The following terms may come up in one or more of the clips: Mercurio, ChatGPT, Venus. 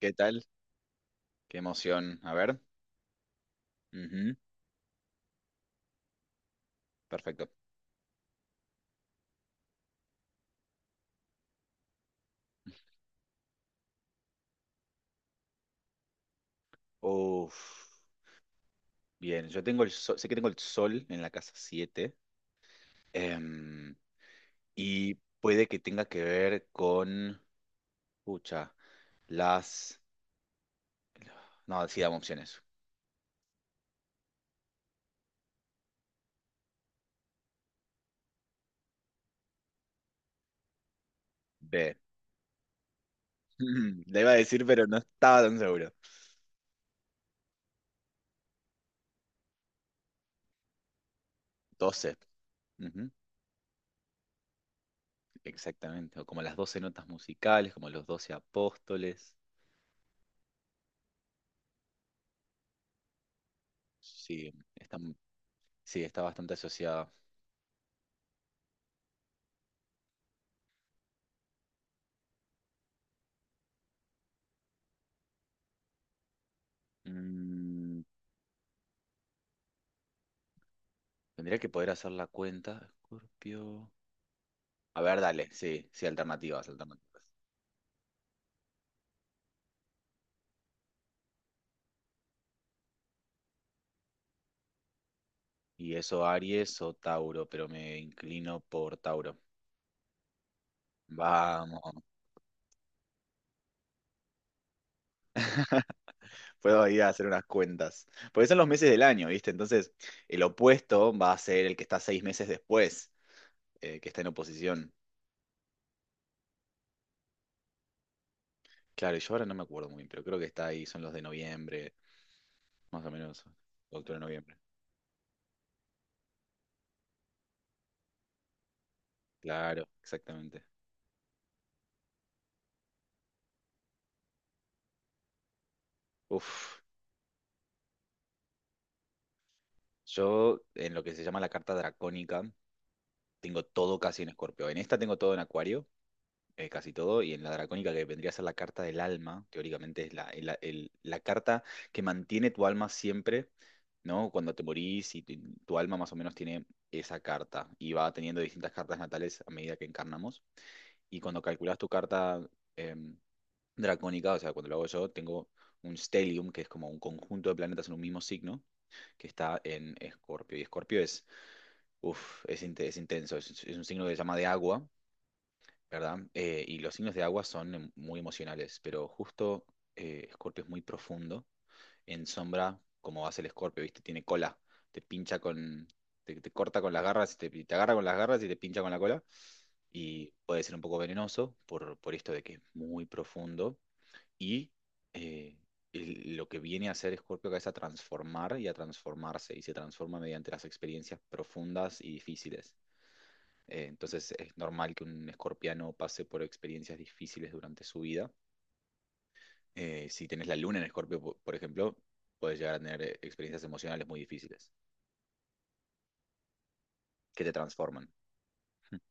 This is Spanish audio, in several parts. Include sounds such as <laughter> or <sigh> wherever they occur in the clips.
¿Qué tal? Qué emoción. A ver. Ujú. Perfecto. Uf, bien. Yo tengo el sol, sé que tengo el sol en la casa siete, em, y puede que tenga que ver con. Pucha, las. No, sí, dame opciones. B. <laughs> Le iba a decir, pero no estaba tan seguro. 12. Ujú. Exactamente. O como las 12 notas musicales, como los 12 apóstoles. Sí, está, sí, está bastante asociada. Mm, Tendría que poder hacer la cuenta. Escorpio. A ver, dale, sí, sí, alternativas, alternativas. Y eso Aries o Tauro, pero me inclino por Tauro. Vamos, puedo ir a hacer unas cuentas. Porque son los meses del año, ¿viste? Entonces, el opuesto va a ser el que está 6 meses después, que está en oposición. Claro, yo ahora no me acuerdo muy bien, pero creo que está ahí, son los de noviembre, más o menos, octubre, noviembre. Claro, exactamente. Uf, yo en lo que se llama la carta dracónica. Tengo todo casi en Escorpio. En esta tengo todo en Acuario, casi todo, y en la Dracónica, que vendría a ser la carta del alma, teóricamente es la carta que mantiene tu alma siempre, ¿no? Cuando te morís, y tu alma más o menos tiene esa carta, y va teniendo distintas cartas natales a medida que encarnamos. Y cuando calculas tu carta em, Dracónica, o sea, cuando lo hago yo, tengo un stellium, que es como un conjunto de planetas en un mismo signo, que está en Escorpio. Y Escorpio es... Uff, es intenso. Es un signo que se llama de agua, ¿verdad? Y los signos de agua son muy emocionales, pero justo Escorpio es muy profundo, en sombra, como hace el Escorpio, ¿viste? Tiene cola, te pincha con, te corta con las garras, te agarra con las garras y te pincha con la cola, y puede ser un poco venenoso por esto de que es muy profundo, y eh, lo que viene a hacer Escorpio acá es a transformar y a transformarse, y se transforma mediante las experiencias profundas y difíciles. Entonces es normal que un escorpiano pase por experiencias difíciles durante su vida. Si tenés la luna en escorpio, por ejemplo, puedes llegar a tener experiencias emocionales muy difíciles que te transforman. <laughs>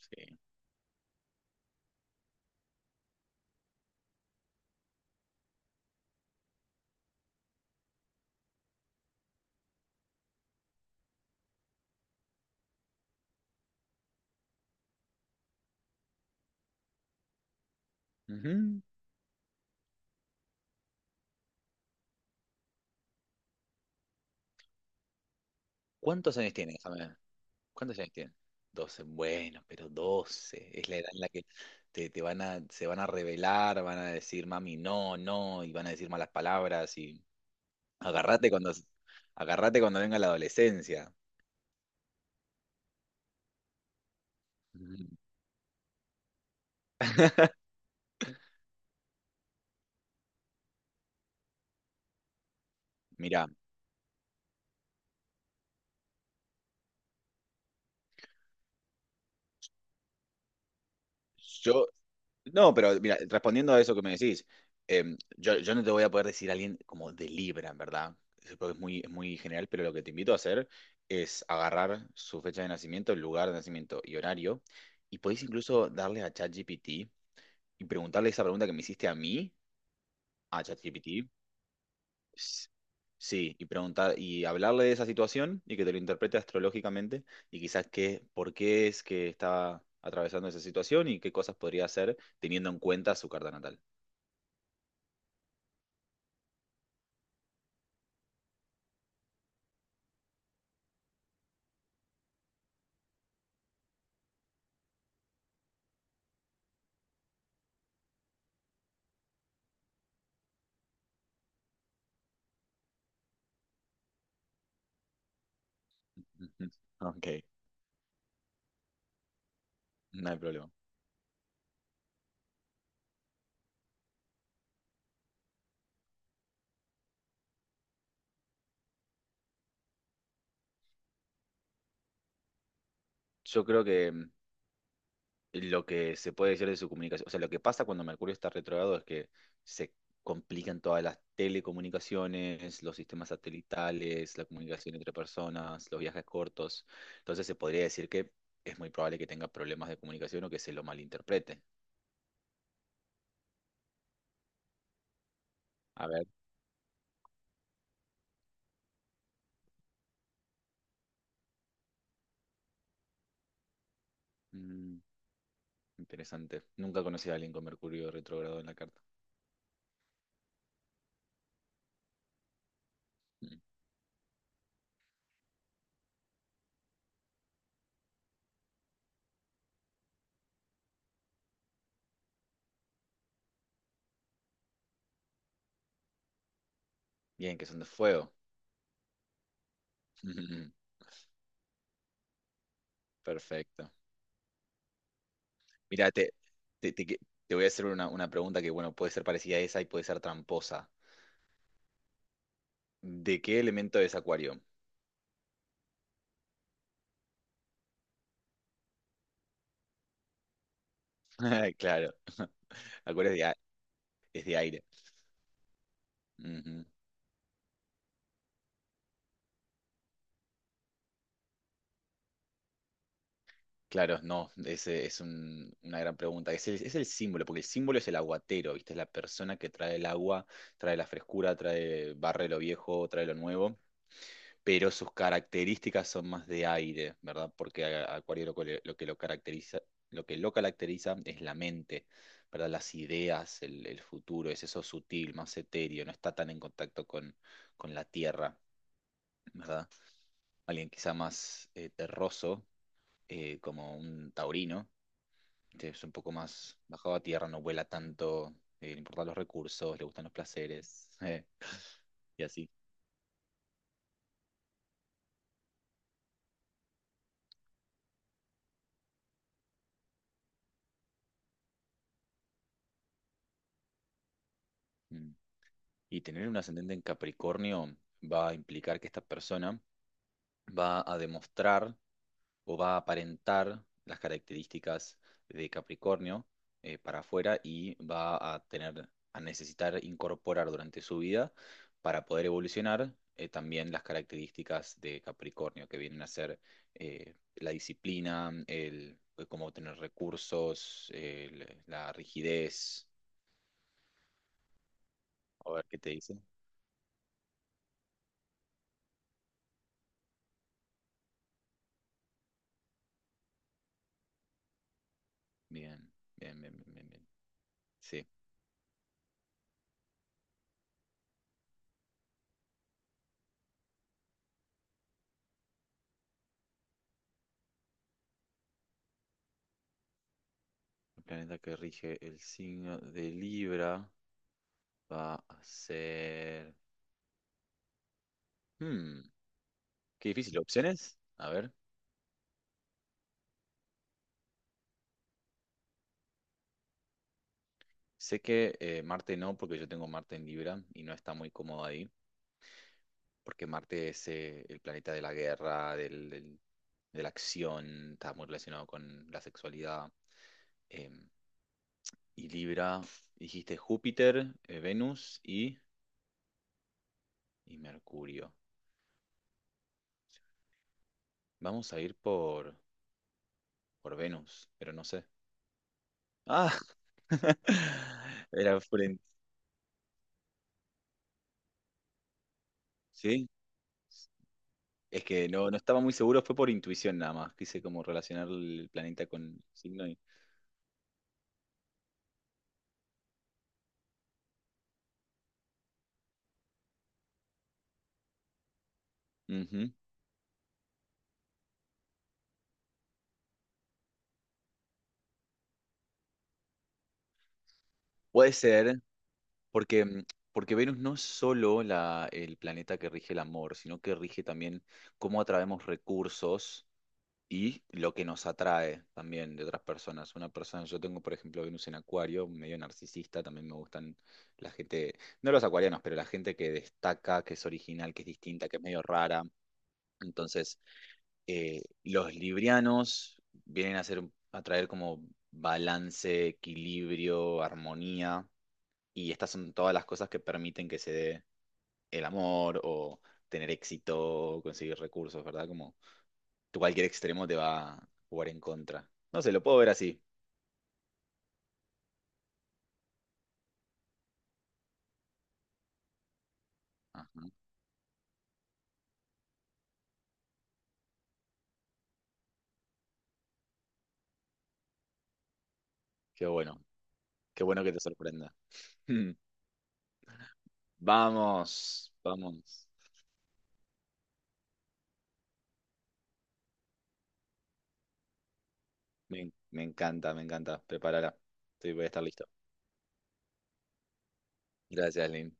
Sí. Ujú. ¿Cuántos años tienes? Déjame ver. ¿Cuántos años tienes? 12. Bueno, pero 12 es la edad en la que se van a rebelar, van a decir mami no, no, y van a decir malas palabras y agárrate cuando, agárrate cuando venga la adolescencia. Mira, <laughs> Yo, no, pero mira, respondiendo a eso que me decís, yo no te voy a poder decir a alguien como de Libra, en verdad, eso creo es muy general, pero lo que te invito a hacer es agarrar su fecha de nacimiento, el lugar de nacimiento y horario, y podéis incluso darle a ChatGPT y preguntarle esa pregunta que me hiciste a mí, a ChatGPT. S- Sí, y preguntar y hablarle de esa situación y que te lo interprete astrológicamente y quizás qué, por qué es que está atravesando esa situación y qué cosas podría hacer teniendo en cuenta su carta natal. Ujú. Ok, no hay problema. Yo creo que, lo que se puede decir de su comunicación, o sea, lo que pasa cuando Mercurio está retrógrado es que se complican todas las telecomunicaciones, los sistemas satelitales, la comunicación entre personas, los viajes cortos. Entonces se podría decir que es muy probable que tenga problemas de comunicación o que se lo malinterprete. A ver, mm, interesante. Nunca conocí a alguien con Mercurio retrógrado en la carta. Mm. Bien, que son de fuego. <laughs> Perfecto. Mira, te, te que- te voy a hacer una pregunta que, bueno, puede ser parecida a esa y puede ser tramposa. ¿De qué elemento es Acuario? <laughs> Claro, Acuario es de aire. Ujú. Claro, no, ese es una gran pregunta. Es el símbolo, porque el símbolo es el aguatero, ¿viste? Es la persona que trae el agua, trae la frescura, trae, barre lo viejo, trae lo nuevo, pero sus características son más de aire, ¿verdad? Porque a Acuario lo que lo caracteriza, lo que lo caracteriza es la mente, ¿verdad? Las ideas, el futuro, es eso sutil, más etéreo, no está tan en contacto con la tierra, ¿verdad? Alguien quizá más terroso, como un taurino, que es un poco más bajado a tierra, no vuela tanto, le importan los recursos, le gustan los placeres, <laughs> y así. Mm. Y tener un ascendente en Capricornio va a implicar que esta persona va a demostrar o va a aparentar las características de Capricornio para afuera y va a tener, a necesitar incorporar durante su vida para poder evolucionar también las características de Capricornio, que vienen a ser la disciplina, el cómo obtener recursos, la rigidez. A ver qué te dice. Bien, bien, bien, bien, bien. Bien. Sí. El planeta que rige el signo de Libra va a ser. Hmm, Qué difícil. ¿Opciones? A ver. Sé que Marte no, porque yo tengo Marte en Libra y no está muy cómodo ahí, porque Marte es el planeta de la guerra, de la acción, está muy relacionado con la sexualidad. em, y Libra, dijiste Júpiter, Venus y Mercurio. Vamos a ir por Venus, pero no sé. Ah, <laughs> era frente. ¿Sí? Es que no, no estaba muy seguro, fue por intuición nada más. Quise como relacionar el planeta con el signo y. Ujú. Puede ser, porque, mm, porque Venus no es solo el planeta que rige el amor, sino que rige también cómo atraemos recursos y lo que nos atrae también de otras personas. Una persona, yo tengo, por ejemplo, Venus en Acuario, medio narcisista, también me gustan la gente, no los acuarianos, pero la gente que destaca, que es original, que es distinta, que es medio rara. Entonces, los librianos vienen a hacer, a traer como balance, equilibrio, armonía, y estas son todas las cosas que permiten que se dé el amor o tener éxito, o conseguir recursos, ¿verdad? Como tú cualquier extremo te va a jugar en contra. No sé, lo puedo ver así. Ajá. Qué bueno, qué bueno que te sorprenda. <laughs> Vamos, vamos. Me encanta, me encanta. Prepárala. Sí, voy a estar listo. Gracias, Lynn.